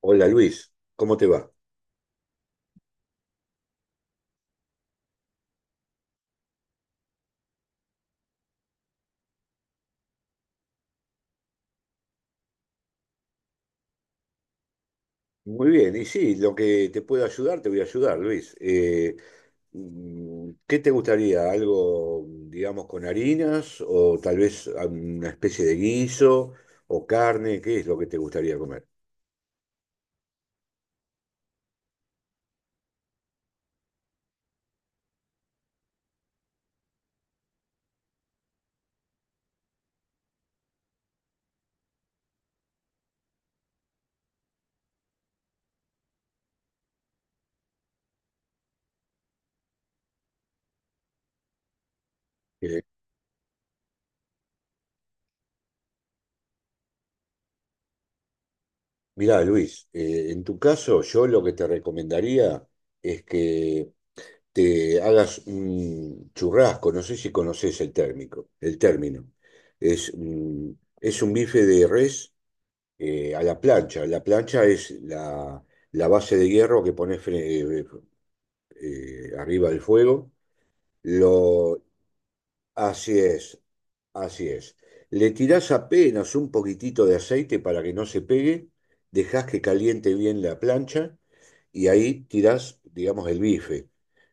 Hola Luis, ¿cómo te va? Muy bien, y sí, lo que te puedo ayudar, te voy a ayudar, Luis. ¿Qué te gustaría? ¿Algo, digamos, con harinas o tal vez una especie de guiso o carne? ¿Qué es lo que te gustaría comer? Eh, Mirá, Luis, en tu caso yo lo que te recomendaría es que te hagas un churrasco, no sé si conoces el término. Es, mm, es un bife de res a la plancha. La plancha es la base de hierro que pones arriba del fuego. Lo, Así es, así es. Le tirás apenas un poquitito de aceite para que no se pegue, dejás que caliente bien la plancha y ahí tirás, digamos, el bife,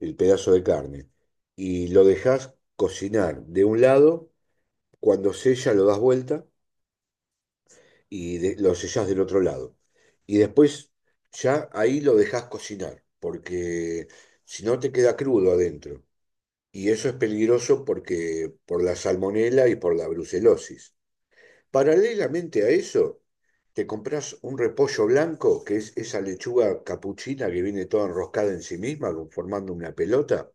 el pedazo de carne, y lo dejás cocinar de un lado, cuando sella lo das vuelta y lo sellás del otro lado. Y después ya ahí lo dejás cocinar, porque si no te queda crudo adentro. Y eso es peligroso porque por la salmonela y por la brucelosis. Paralelamente a eso, te compras un repollo blanco, que es esa lechuga capuchina que viene toda enroscada en sí misma, como formando una pelota.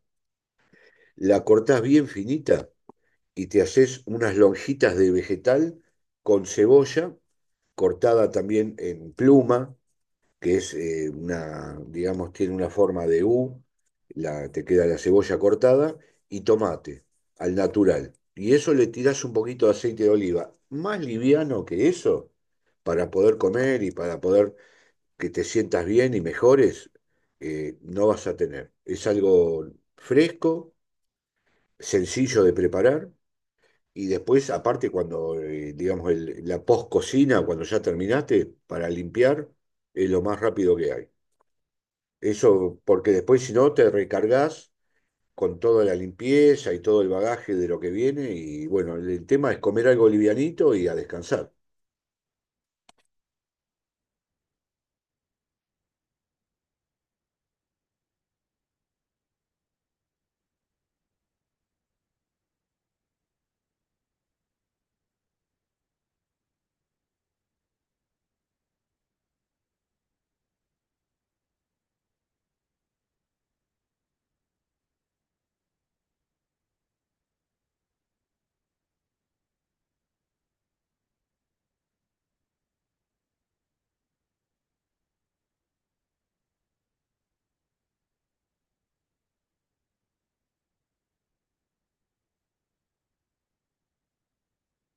La cortás bien finita y te haces unas lonjitas de vegetal con cebolla cortada también en pluma, que es una, digamos, tiene una forma de U, te queda la cebolla cortada y tomate al natural. Y eso le tirás un poquito de aceite de oliva, más liviano que eso, para poder comer y para poder que te sientas bien y mejores, no vas a tener. Es algo fresco, sencillo de preparar. Y después, aparte, cuando, digamos, la post-cocina, cuando ya terminaste, para limpiar, es lo más rápido que hay. Eso, porque después si no te recargas con toda la limpieza y todo el bagaje de lo que viene y bueno, el tema es comer algo livianito y a descansar.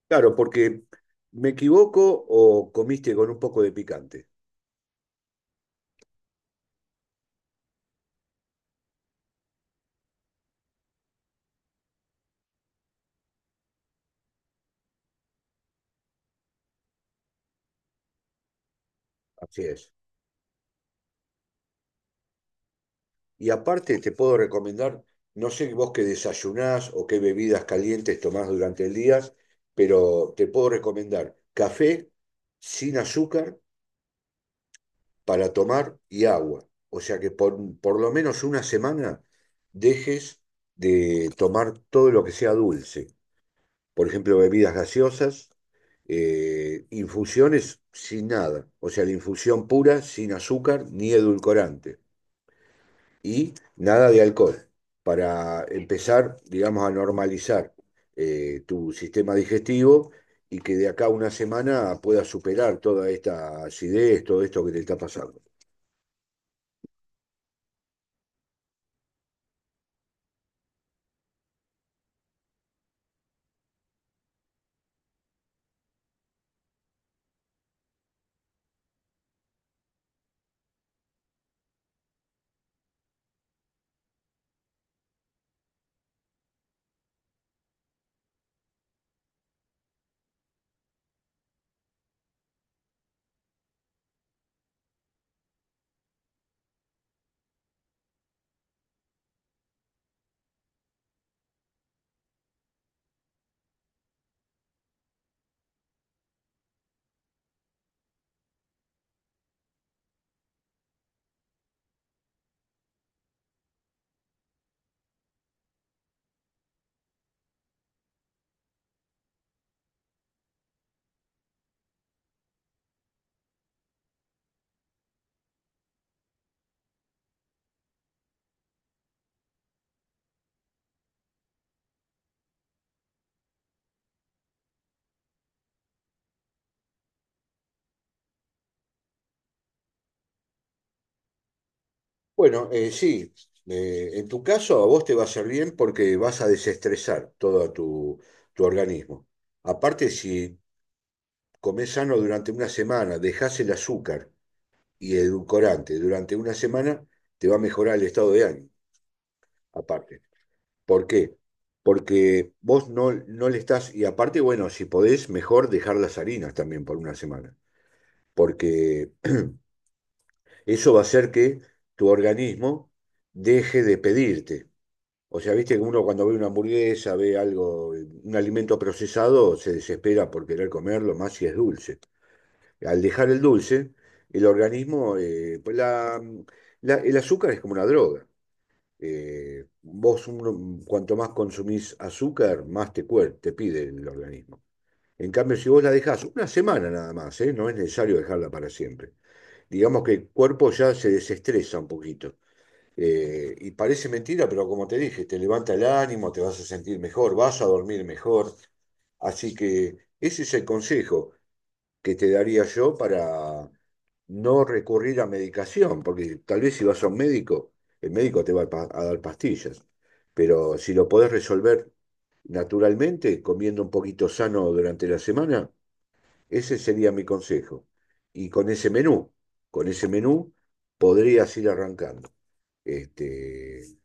Claro, porque me equivoco o comiste con un poco de picante. Así es. Y aparte te puedo recomendar, no sé vos qué desayunás o qué bebidas calientes tomás durante el día, pero te puedo recomendar café sin azúcar para tomar y agua. O sea que por lo menos una semana dejes de tomar todo lo que sea dulce. Por ejemplo, bebidas gaseosas, infusiones sin nada. O sea, la infusión pura, sin azúcar ni edulcorante. Y nada de alcohol, para empezar, digamos, a normalizar tu sistema digestivo y que de acá a una semana puedas superar toda esta acidez, todo esto que te está pasando. Bueno, sí, en tu caso a vos te va a hacer bien porque vas a desestresar todo tu organismo. Aparte, si comés sano durante una semana, dejás el azúcar y edulcorante durante una semana, te va a mejorar el estado de ánimo, aparte. ¿Por qué? Porque vos no le estás, y aparte, bueno, si podés, mejor dejar las harinas también por una semana, porque eso va a hacer que tu organismo deje de pedirte. O sea, viste que uno cuando ve una hamburguesa, ve algo, un alimento procesado, se desespera por querer comerlo, más si es dulce. Al dejar el dulce, el organismo, pues el azúcar es como una droga. Vos cuanto más consumís azúcar, más te pide el organismo. En cambio, si vos la dejás una semana nada más, ¿eh? No es necesario dejarla para siempre. Digamos que el cuerpo ya se desestresa un poquito. Y parece mentira, pero como te dije, te levanta el ánimo, te vas a sentir mejor, vas a dormir mejor. Así que ese es el consejo que te daría yo para no recurrir a medicación, porque tal vez si vas a un médico, el médico te va a a dar pastillas, pero si lo podés resolver naturalmente, comiendo un poquito sano durante la semana, ese sería mi consejo. Y con ese menú podrías ir arrancando. Este,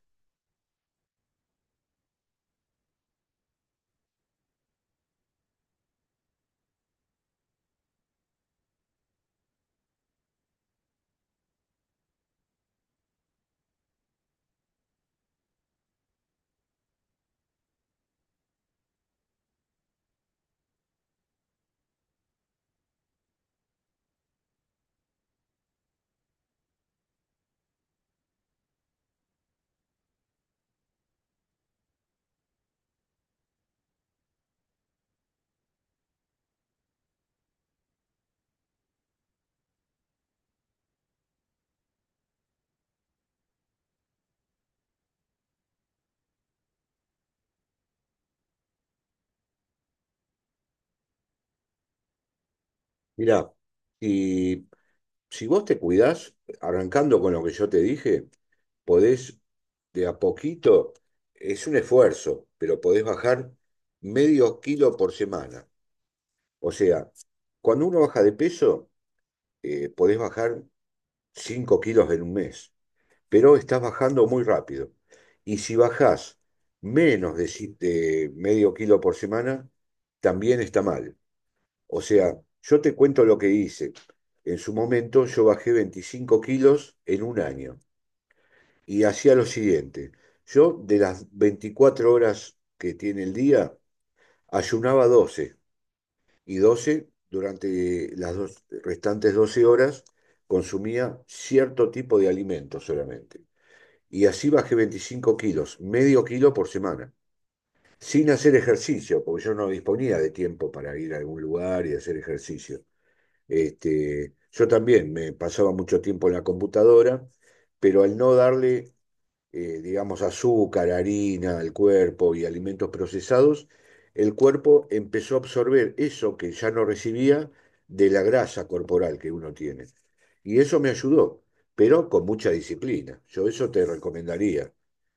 Mirá, y si vos te cuidás, arrancando con lo que yo te dije, podés de a poquito, es un esfuerzo, pero podés bajar medio kilo por semana. O sea, cuando uno baja de peso, podés bajar 5 kilos en un mes, pero estás bajando muy rápido. Y si bajás menos de, si- de medio kilo por semana, también está mal. O sea, yo te cuento lo que hice. En su momento yo bajé 25 kilos en un año y hacía lo siguiente. Yo de las 24 horas que tiene el día, ayunaba 12 y 12 durante las restantes 12 horas consumía cierto tipo de alimento solamente. Y así bajé 25 kilos, medio kilo por semana, sin hacer ejercicio, porque yo no disponía de tiempo para ir a algún lugar y hacer ejercicio. Yo también me pasaba mucho tiempo en la computadora, pero al no darle digamos, azúcar, harina al cuerpo y alimentos procesados, el cuerpo empezó a absorber eso que ya no recibía de la grasa corporal que uno tiene. Y eso me ayudó, pero con mucha disciplina. Yo eso te recomendaría.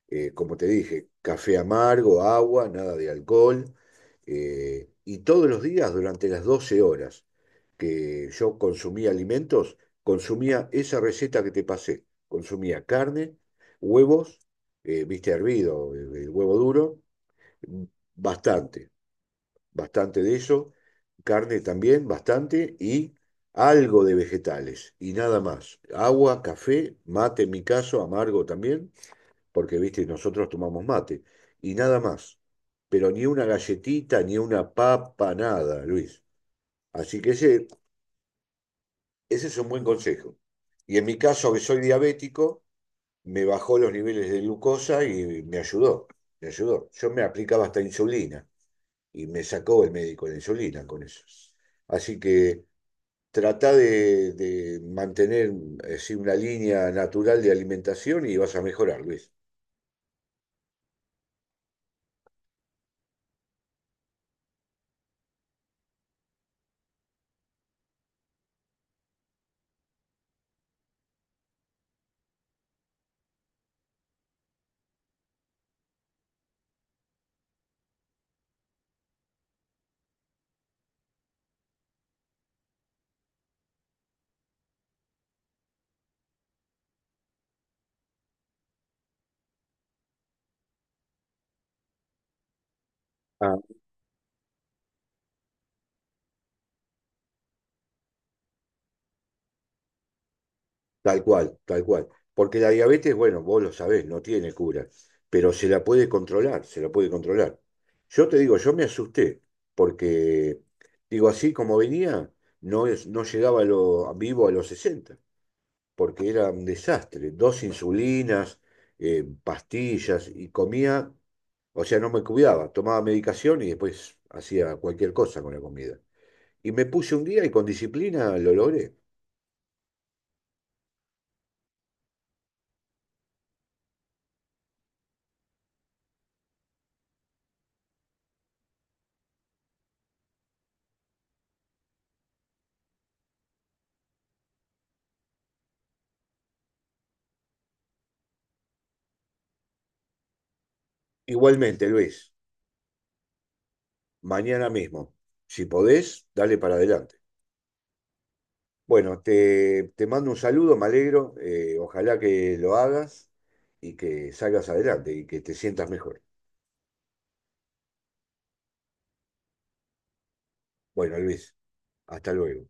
Como te dije, café amargo, agua, nada de alcohol, y todos los días durante las 12 horas que yo consumía alimentos, consumía esa receta que te pasé. Consumía carne, huevos, viste, hervido, el huevo duro, bastante, bastante de eso, carne también, bastante, y algo de vegetales, y nada más. Agua, café, mate en mi caso, amargo también, porque, viste, nosotros tomamos mate, y nada más. Pero ni una galletita, ni una papa, nada, Luis. Así que ese es un buen consejo. Y en mi caso, que soy diabético, me bajó los niveles de glucosa y me ayudó, me ayudó. Yo me aplicaba hasta insulina y me sacó el médico la insulina con eso. Así que trata de mantener así una línea natural de alimentación y vas a mejorar, Luis. Ah, tal cual, tal cual. Porque la diabetes, bueno, vos lo sabés, no tiene cura, pero se la puede controlar, se la puede controlar. Yo te digo, yo me asusté, porque, digo, así como venía, no, no llegaba a a vivo a los 60 porque era un desastre. Dos insulinas, pastillas, y comía, o sea, no me cuidaba, tomaba medicación y después hacía cualquier cosa con la comida. Y me puse un día y con disciplina lo logré. Igualmente, Luis. Mañana mismo. Si podés, dale para adelante. Bueno, te mando un saludo, me alegro. Ojalá que lo hagas y que salgas adelante y que te sientas mejor. Bueno, Luis, hasta luego.